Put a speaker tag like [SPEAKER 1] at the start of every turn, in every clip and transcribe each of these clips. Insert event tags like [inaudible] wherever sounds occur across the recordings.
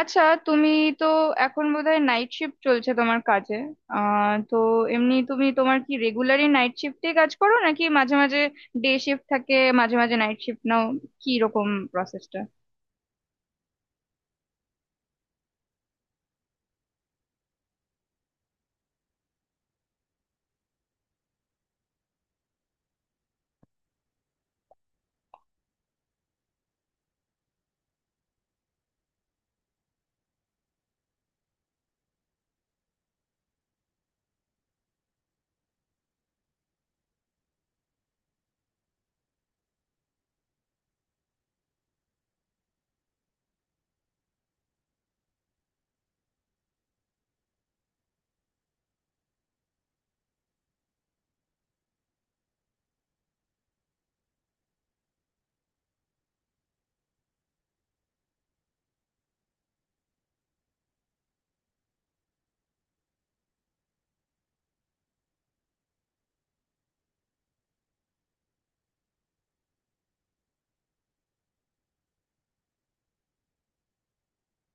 [SPEAKER 1] আচ্ছা, তুমি তো এখন বোধহয় নাইট শিফট চলছে তোমার কাজে। আহ তো এমনি তুমি তোমার কি রেগুলারই নাইট শিফটে কাজ করো নাকি মাঝে মাঝে ডে শিফট থাকে, মাঝে মাঝে নাইট শিফট নাও? কি রকম প্রসেসটা?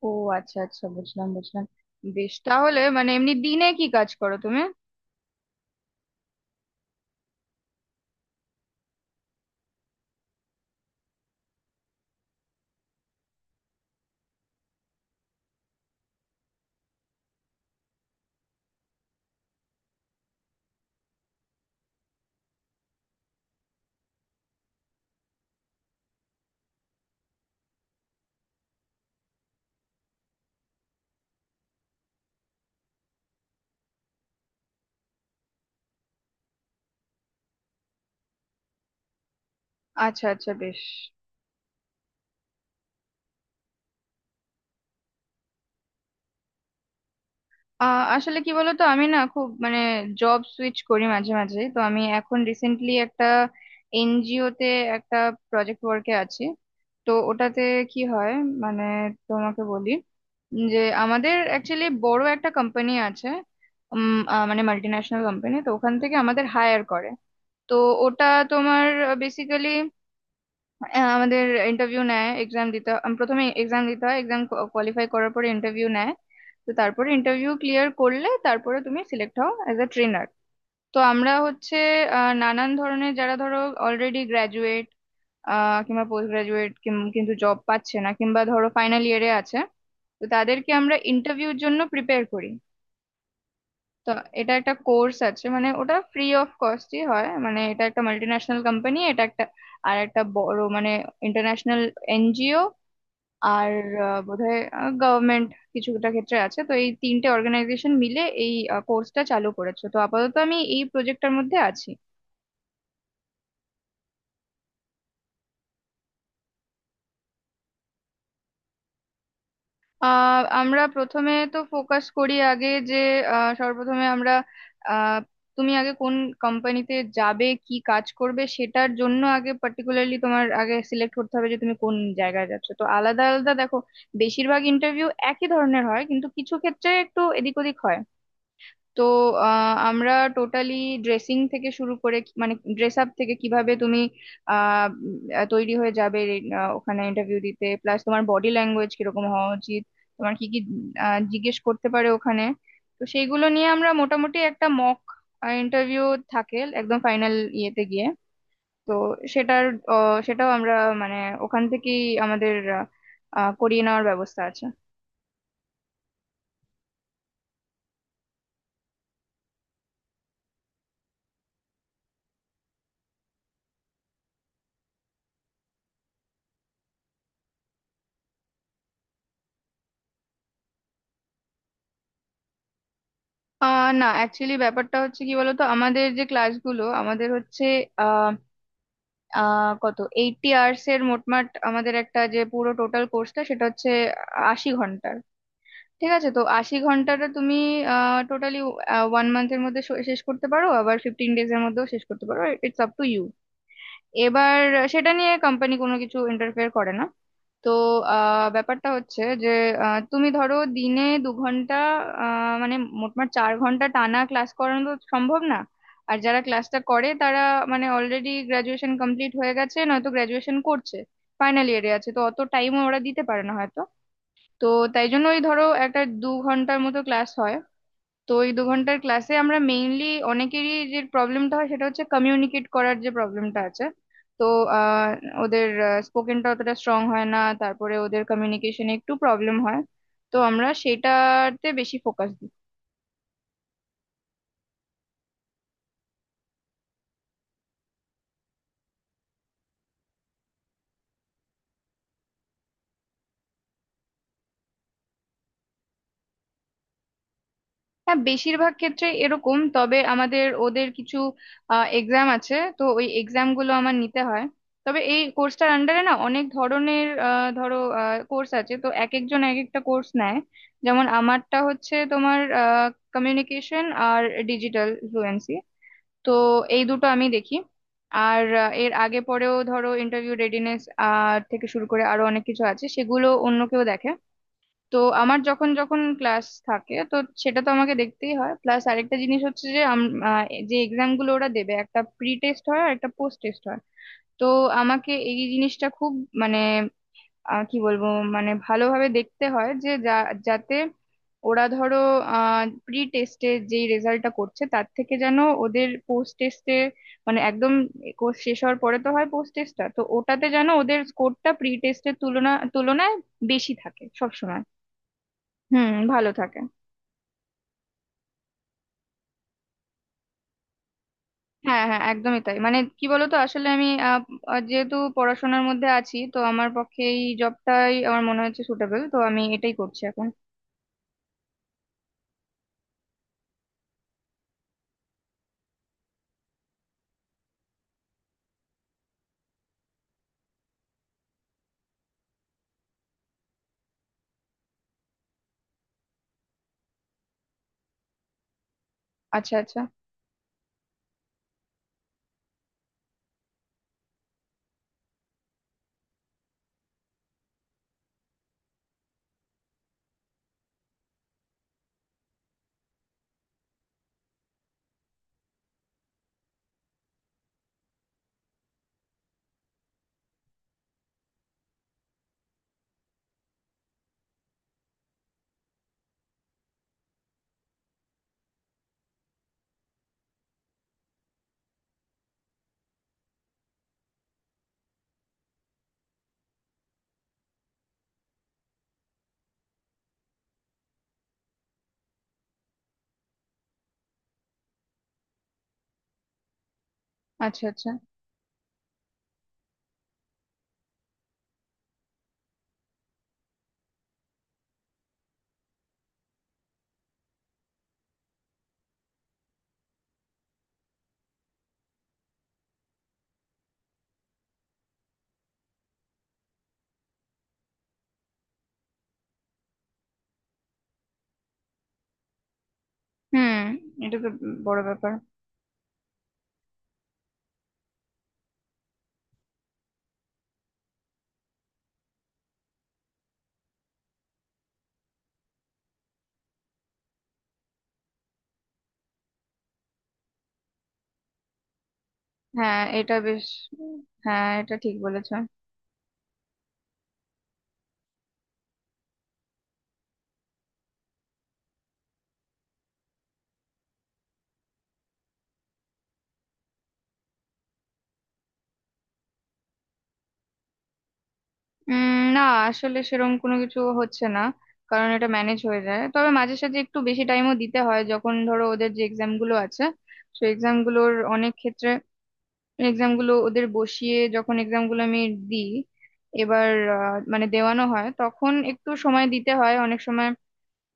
[SPEAKER 1] ও আচ্ছা আচ্ছা, বুঝলাম বুঝলাম। বেশ তাহলে, মানে এমনি দিনে কি কাজ করো তুমি? আচ্ছা আচ্ছা, বেশ। আহ আসলে কি বলতো, আমি না খুব মানে জব সুইচ করি মাঝে মাঝে, তো আমি এখন রিসেন্টলি একটা এনজিও তে একটা প্রজেক্ট ওয়ার্কে আছি। তো ওটাতে কি হয় মানে তোমাকে বলি যে আমাদের অ্যাকচুয়ালি বড় একটা কোম্পানি আছে, মানে মাল্টি ন্যাশনাল কোম্পানি, তো ওখান থেকে আমাদের হায়ার করে। তো ওটা তোমার বেসিক্যালি আমাদের ইন্টারভিউ নেয়, এক্সাম দিতে হয়। প্রথমে এক্সাম দিতে হয়, এক্সাম কোয়ালিফাই করার পরে ইন্টারভিউ নেয়। তো তারপরে ইন্টারভিউ ক্লিয়ার করলে তারপরে তুমি সিলেক্ট হও অ্যাজ এ ট্রেনার। তো আমরা হচ্ছে নানান ধরনের, যারা ধরো অলরেডি গ্র্যাজুয়েট কিংবা পোস্ট গ্রাজুয়েট কিন্তু জব পাচ্ছে না, কিংবা ধরো ফাইনাল ইয়ারে আছে, তো তাদেরকে আমরা ইন্টারভিউর জন্য প্রিপেয়ার করি। তো এটা একটা কোর্স আছে, মানে ওটা ফ্রি অফ কস্টই হয়। মানে এটা একটা মাল্টি ন্যাশনাল কোম্পানি, এটা একটা আর একটা বড় মানে ইন্টারন্যাশনাল এনজিও, আর বোধহয় গভর্নমেন্ট কিছুটা ক্ষেত্রে আছে, তো এই তিনটে অর্গানাইজেশন মিলে এই কোর্সটা চালু করেছে। তো আপাতত আমি এই প্রজেক্টটার মধ্যে আছি। আমরা প্রথমে তো ফোকাস করি আগে যে সর্বপ্রথমে আমরা আহ, তুমি আগে কোন কোম্পানিতে যাবে, কি কাজ করবে, সেটার জন্য আগে পার্টিকুলারলি তোমার আগে সিলেক্ট করতে হবে যে তুমি কোন জায়গায় যাচ্ছ। তো আলাদা আলাদা দেখো, বেশিরভাগ ইন্টারভিউ একই ধরনের হয় কিন্তু কিছু ক্ষেত্রে একটু এদিক ওদিক হয়। তো আমরা টোটালি ড্রেসিং থেকে শুরু করে মানে ড্রেস আপ থেকে কিভাবে তুমি তৈরি হয়ে যাবে ওখানে ইন্টারভিউ দিতে, প্লাস তোমার বডি ল্যাঙ্গুয়েজ কিরকম হওয়া উচিত, তোমার কি কি জিজ্ঞেস করতে পারে ওখানে। তো সেইগুলো নিয়ে আমরা মোটামুটি একটা মক ইন্টারভিউ থাকে একদম ফাইনাল ইয়েতে গিয়ে। তো সেটার সেটাও আমরা মানে ওখান থেকেই আমাদের আহ, আহ, করিয়ে নেওয়ার ব্যবস্থা আছে। না, অ্যাকচুয়ালি ব্যাপারটা হচ্ছে কি বলতো, আমাদের যে ক্লাসগুলো আমাদের হচ্ছে আহ আহ কত 80 আওয়ার্স এর, মোটমাট আমাদের একটা যে পুরো টোটাল কোর্সটা সেটা হচ্ছে 80 ঘন্টার। ঠিক আছে, তো 80 ঘন্টাটা তুমি টোটালি ওয়ান মান্থের মধ্যে শেষ করতে পারো, আবার 15 ডেজ এর মধ্যেও শেষ করতে পারো। ইটস আপ টু ইউ এবার, সেটা নিয়ে কোম্পানি কোনো কিছু ইন্টারফেয়ার করে না। তো ব্যাপারটা হচ্ছে যে তুমি ধরো দিনে 2 ঘন্টা, মানে মোটমাট 4 ঘন্টা টানা ক্লাস করানো তো সম্ভব না। আর যারা ক্লাসটা করে তারা মানে অলরেডি গ্রাজুয়েশন কমপ্লিট হয়ে গেছে নয়তো গ্রাজুয়েশন করছে, ফাইনাল ইয়ারে আছে, তো অত টাইমও ওরা দিতে পারে না হয়তো। তো তাই জন্য ওই ধরো একটা 2 ঘন্টার মতো ক্লাস হয়। তো এই 2 ঘন্টার ক্লাসে আমরা মেইনলি অনেকেরই যে প্রবলেমটা হয় সেটা হচ্ছে কমিউনিকেট করার, যে প্রবলেমটা আছে। তো আহ, ওদের স্পোকেনটা অতটা স্ট্রং হয় না, তারপরে ওদের কমিউনিকেশনে একটু প্রবলেম হয়, তো আমরা সেটাতে বেশি ফোকাস দিই। হ্যাঁ, বেশিরভাগ ক্ষেত্রে এরকম, তবে আমাদের ওদের কিছু এক্সাম আছে, তো ওই এক্সাম গুলো আমার নিতে হয়। তবে এই কোর্সটার আন্ডারে না অনেক ধরনের ধরো কোর্স আছে, তো এক একজন এক একটা কোর্স নেয়। যেমন আমারটা হচ্ছে তোমার কমিউনিকেশন আর ডিজিটাল ফ্লুয়েন্সি, তো এই দুটো আমি দেখি। আর এর আগে পরেও ধরো ইন্টারভিউ রেডিনেস থেকে শুরু করে আরো অনেক কিছু আছে, সেগুলো অন্য কেউ দেখে। তো আমার যখন যখন ক্লাস থাকে, তো সেটা তো আমাকে দেখতেই হয়। প্লাস আরেকটা জিনিস হচ্ছে যে যে এক্সাম গুলো ওরা দেবে, একটা প্রি টেস্ট হয় আর একটা পোস্ট টেস্ট হয়। তো আমাকে এই জিনিসটা খুব মানে কি বলবো, মানে ভালোভাবে দেখতে হয় যে যাতে ওরা ধরো প্রি টেস্টে যেই রেজাল্টটা করছে তার থেকে যেন ওদের পোস্ট টেস্টে মানে একদম কোর্স শেষ হওয়ার পরে তো হয় পোস্ট টেস্টটা, তো ওটাতে যেন ওদের স্কোরটা প্রি টেস্টের তুলনায় বেশি থাকে সবসময়। হুম, ভালো থাকে। হ্যাঁ হ্যাঁ, একদমই তাই, মানে কি বলতো আসলে আমি আহ, আহ, যেহেতু পড়াশোনার মধ্যে আছি তো আমার পক্ষে এই জবটাই আমার মনে হচ্ছে সুটেবল, তো আমি এটাই করছি এখন। আচ্ছা আচ্ছা। আচ্ছা আচ্ছা। হুম, এটা তো বড় ব্যাপার। হ্যাঁ, এটা বেশ। হ্যাঁ, এটা ঠিক বলেছ। না, আসলে সেরকম কোনো কিছু হচ্ছে না, কারণ এটা ম্যানেজ হয়ে যায়। তবে মাঝে সাঝে একটু বেশি টাইমও দিতে হয় যখন ধরো ওদের যে এক্সাম গুলো আছে, সেই এক্সাম গুলোর অনেক ক্ষেত্রে এক্সাম গুলো ওদের বসিয়ে যখন এক্সাম গুলো আমি দিই এবার, মানে দেওয়ানো হয় তখন একটু সময় দিতে হয় অনেক সময়।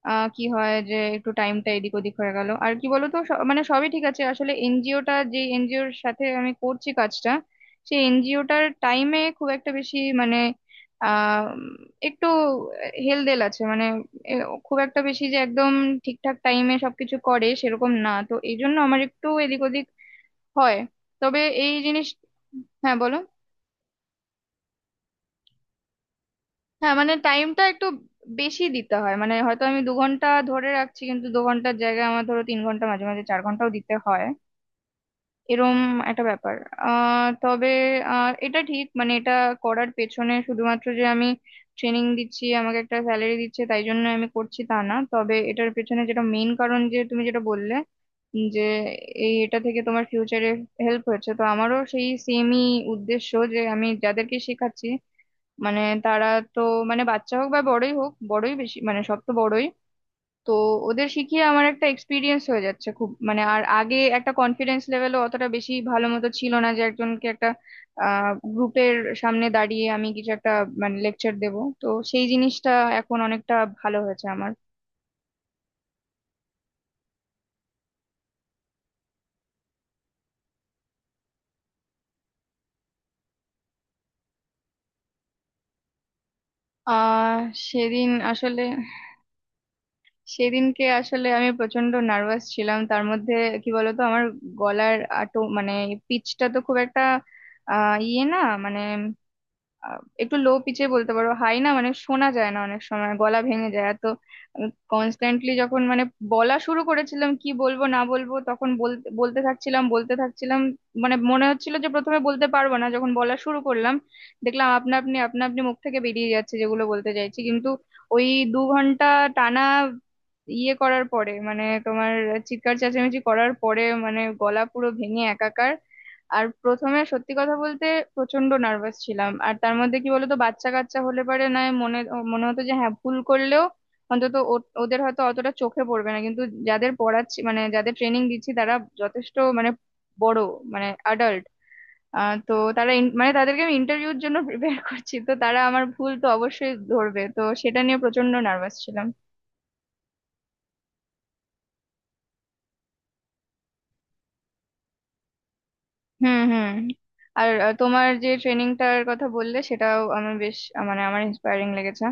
[SPEAKER 1] কি হয় যে একটু টাইমটা এদিক ওদিক হয়ে গেল আর কি বলতো মানে সবই ঠিক আছে, আসলে এনজিওটা যে এনজিওর সাথে আমি করছি কাজটা, সেই এনজিওটার টাইমে খুব একটা বেশি মানে আহ একটু হেলদেল আছে, মানে এ, খুব একটা বেশি যে একদম ঠিকঠাক টাইমে সবকিছু করে সেরকম না, তো এই জন্য আমার একটু এদিক ওদিক হয়। তবে এই জিনিস হ্যাঁ বলো। হ্যাঁ মানে টাইমটা একটু বেশি দিতে হয়, মানে হয়তো আমি 2 ঘন্টা ধরে রাখছি কিন্তু 2 ঘন্টার জায়গায় আমার ধরো 3 ঘন্টা মাঝে মাঝে 4 ঘন্টাও দিতে হয়, এরম একটা ব্যাপার। তবে এটা ঠিক, মানে এটা করার পেছনে শুধুমাত্র যে আমি ট্রেনিং দিচ্ছি আমাকে একটা স্যালারি দিচ্ছে তাই জন্য আমি করছি তা না, তবে এটার পেছনে যেটা মেইন কারণ যে তুমি যেটা বললে যে এই এটা থেকে তোমার ফিউচারে হেল্প হয়েছে, তো আমারও সেই সেমই উদ্দেশ্য যে আমি যাদেরকে শেখাচ্ছি মানে তারা তো মানে বাচ্চা হোক বা বড়ই হোক, বড়ই বেশি মানে সব তো বড়ই, তো ওদের শিখিয়ে আমার একটা এক্সপিরিয়েন্স হয়ে যাচ্ছে খুব মানে। আর আগে একটা কনফিডেন্স লেভেলও অতটা বেশি ভালো মতো ছিল না যে একজনকে একটা গ্রুপের সামনে দাঁড়িয়ে আমি কিছু একটা মানে লেকচার দেব, তো সেই জিনিসটা এখন অনেকটা ভালো হয়েছে আমার। আহ সেদিন আসলে সেদিনকে আসলে আমি প্রচন্ড নার্ভাস ছিলাম, তার মধ্যে কি বলতো আমার গলার আটো মানে পিচটা তো খুব একটা ইয়ে না, মানে আহ, একটু লো পিচে বলতে পারো, হাই না, মানে শোনা যায় না অনেক সময়, গলা ভেঙে যায় এত কনস্ট্যান্টলি যখন মানে বলা শুরু করেছিলাম, কি বলবো না বলবো তখন বলতে বলতে থাকছিলাম বলতে থাকছিলাম। মানে মনে হচ্ছিল যে প্রথমে বলতে পারবো না, যখন বলা শুরু করলাম দেখলাম আপনা আপনি আপনা আপনি মুখ থেকে বেরিয়ে যাচ্ছে যেগুলো বলতে চাইছি, কিন্তু ওই 2 ঘন্টা টানা ইয়ে করার পরে মানে তোমার চিৎকার চেঁচামেচি করার পরে মানে গলা পুরো ভেঙে একাকার। আর প্রথমে সত্যি কথা বলতে প্রচন্ড নার্ভাস ছিলাম, আর তার মধ্যে কি বলতো বাচ্চা কাচ্চা হলে পারে না, মনে মনে হতো যে হ্যাঁ ভুল করলেও অন্তত ওদের হয়তো অতটা চোখে পড়বে না, কিন্তু যাদের পড়াচ্ছি মানে যাদের ট্রেনিং দিচ্ছি তারা যথেষ্ট মানে বড়, মানে অ্যাডাল্ট। তো তারা মানে তাদেরকে আমি ইন্টারভিউর জন্য [laughs] প্রিপেয়ার করছি, তো তারা আমার ভুল তো অবশ্যই ধরবে, তো সেটা নিয়ে প্রচন্ড নার্ভাস ছিলাম। হুম হুম। আর তোমার যে ট্রেনিংটার কথা বললে সেটাও আমি বেশ মানে আমার ইন্সপায়ারিং লেগেছে।